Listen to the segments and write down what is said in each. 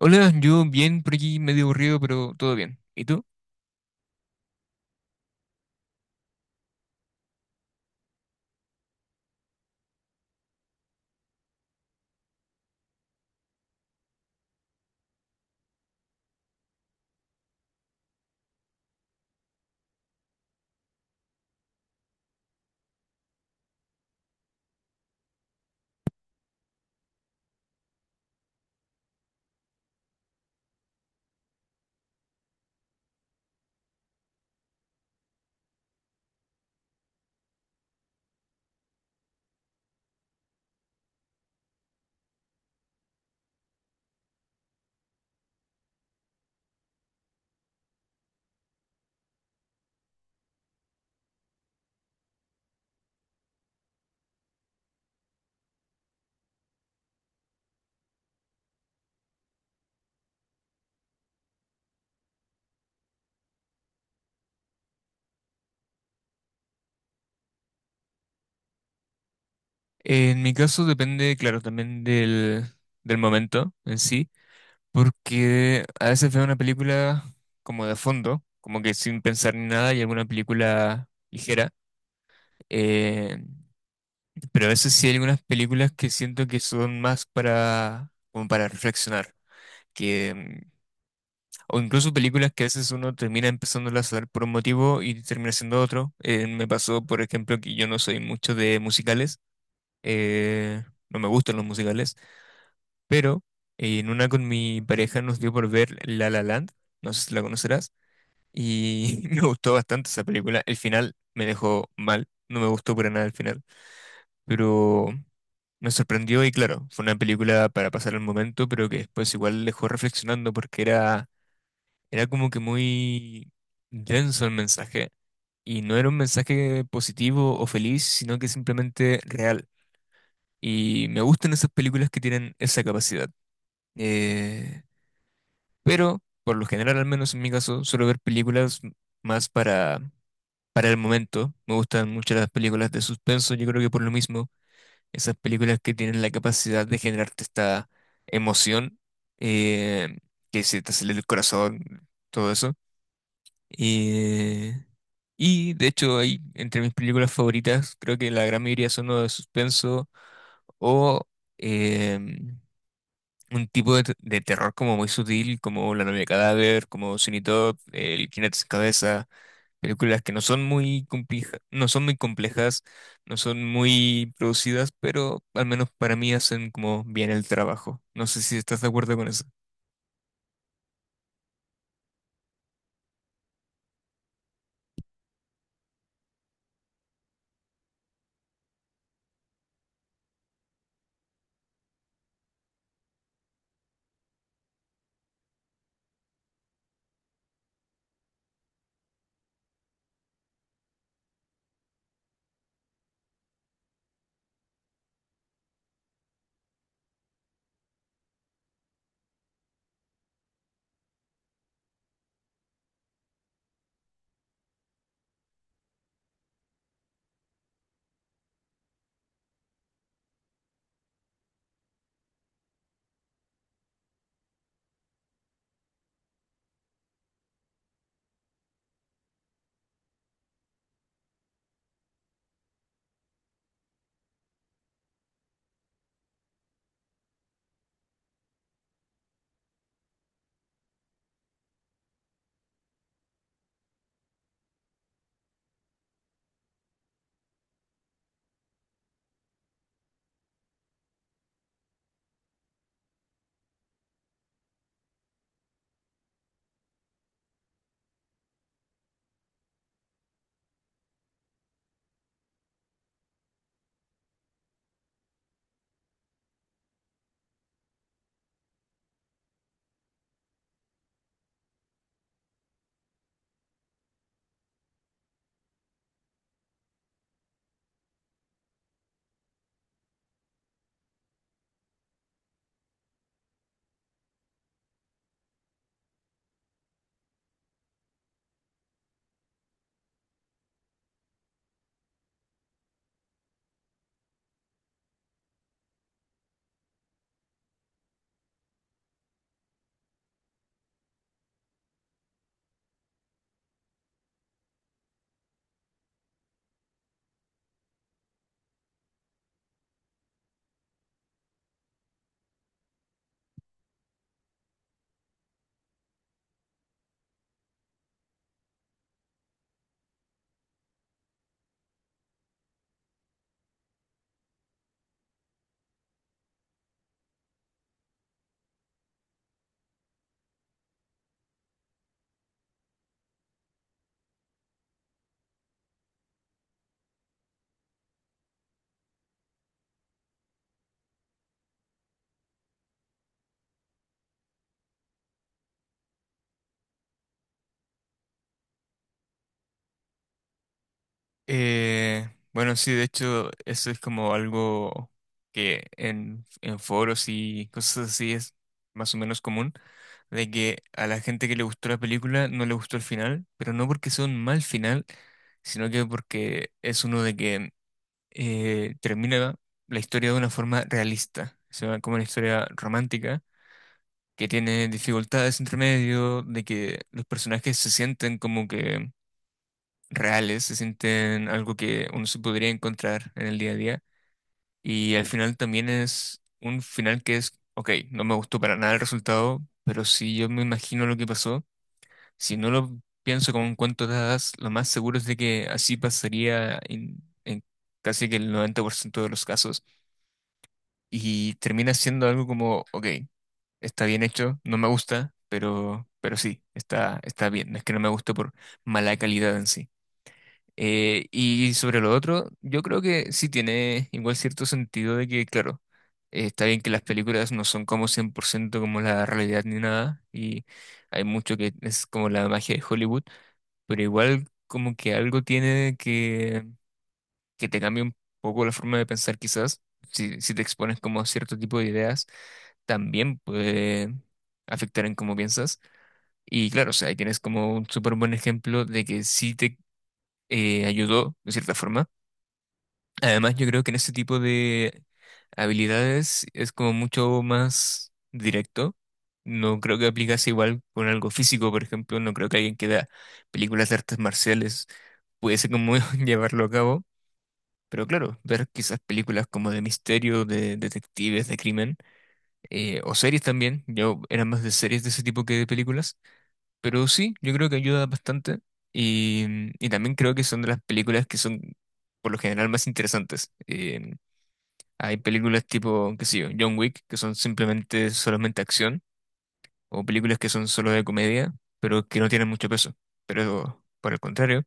Hola, yo bien por aquí, medio aburrido, pero todo bien. ¿Y tú? En mi caso depende, claro, también del momento en sí, porque a veces veo una película como de fondo, como que sin pensar ni nada, y alguna película ligera. eh, pero a veces sí hay algunas películas que siento que son más como para reflexionar. Que O incluso películas que a veces uno termina empezándolas a ver por un motivo y termina siendo otro. Me pasó, por ejemplo, que yo no soy mucho de musicales. eh, no me gustan los musicales. Pero en una con mi pareja nos dio por ver La La Land. No sé si la conocerás. Y me gustó bastante esa película. El final me dejó mal. No me gustó para nada el final. Pero me sorprendió y claro, fue una película para pasar el momento, pero que después igual dejó reflexionando porque era como que muy denso el mensaje. Y no era un mensaje positivo o feliz, sino que simplemente real. Y me gustan esas películas que tienen esa capacidad. Eh, pero, por lo general, al menos en mi caso, suelo ver películas más para el momento. Me gustan mucho las películas de suspenso. Yo creo que por lo mismo, esas películas que tienen la capacidad de generarte esta emoción, eh, que se te acelera el corazón, todo eso. Y Y de hecho hay entre mis películas favoritas, creo que la gran mayoría son o de suspenso o em, un tipo de terror como muy sutil, como La novia cadáver, como Sweeney Todd, El jinete sin cabeza, películas que no son muy complejas, no son muy producidas, pero al menos para mí hacen como bien el trabajo. No sé si estás de acuerdo con eso. Eh, bueno, sí, de hecho, eso es como algo que en foros y cosas así es más o menos común, de que a la gente que le gustó la película no le gustó el final, pero no porque sea un mal final, sino que porque es uno de que termina la historia de una forma realista, o sea, como una historia romántica, que tiene dificultades entre medio, de que los personajes se sienten como que reales, se sienten algo que uno se podría encontrar en el día a día. Y al final también es un final que es, ok, no me gustó para nada el resultado, pero si yo me imagino lo que pasó, si no lo pienso como un cuento de hadas, lo más seguro es de que así pasaría en casi que el 90% de los casos. Y termina siendo algo como, ok, está bien hecho, no me gusta, pero sí, está bien. No es que no me guste por mala calidad en sí. Y sobre lo otro, yo creo que sí tiene igual cierto sentido de que, claro, está bien que las películas no son como 100% como la realidad ni nada, y hay mucho que es como la magia de Hollywood, pero igual como que algo tiene que te cambia un poco la forma de pensar quizás, si te expones como a cierto tipo de ideas, también puede afectar en cómo piensas. Y claro, o sea, ahí tienes como un súper buen ejemplo de que sí te ayudó de cierta forma. Además, yo creo que en ese tipo de habilidades es como mucho más directo. No creo que aplicase igual con algo físico, por ejemplo. No creo que alguien que da películas de artes marciales pudiese como llevarlo a cabo. Pero claro, ver quizás películas como de misterio, de detectives, de crimen, o series también. Yo era más de series de ese tipo que de películas. Pero sí, yo creo que ayuda bastante. Y, y también creo que son de las películas que son por lo general más interesantes. Hay películas tipo, qué sé yo, John Wick, que son simplemente solamente acción, o películas que son solo de comedia, pero que no tienen mucho peso. Pero por el contrario,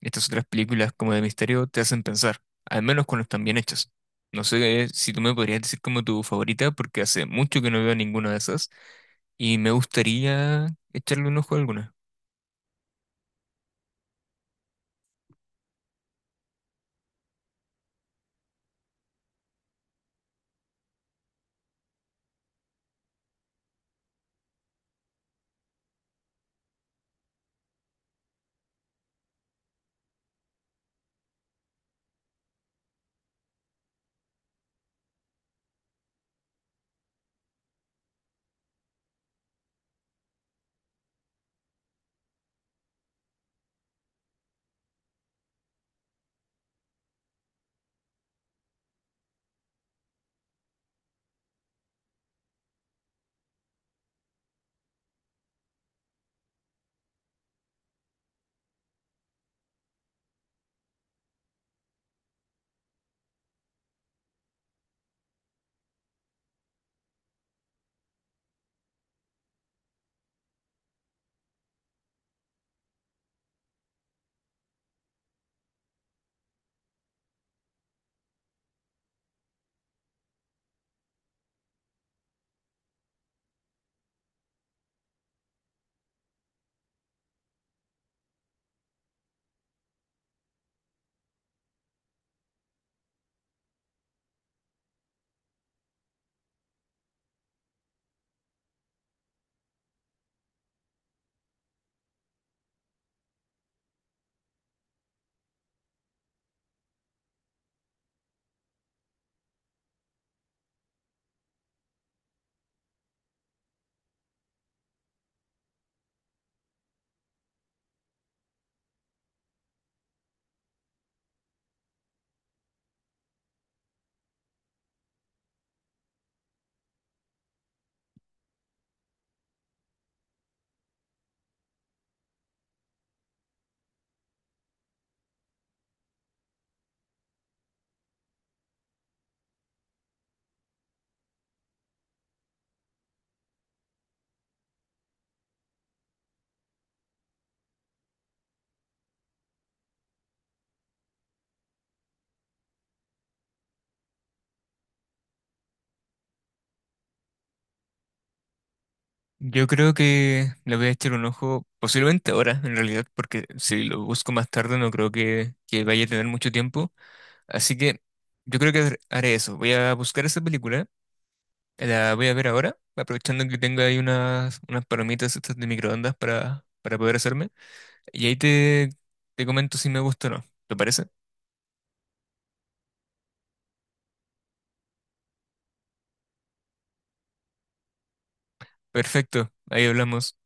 estas otras películas como de misterio te hacen pensar, al menos cuando están bien hechas. No sé, si tú me podrías decir como tu favorita, porque hace mucho que no veo ninguna de esas, y me gustaría echarle un ojo a alguna. Yo creo que le voy a echar un ojo, posiblemente ahora, en realidad, porque si lo busco más tarde no creo que vaya a tener mucho tiempo. Así que yo creo que haré eso. Voy a buscar esa película, la voy a ver ahora, aprovechando que tengo ahí unas palomitas estas de microondas para poder hacerme. Y ahí te comento si me gusta o no. ¿Te parece? Perfecto, ahí hablamos.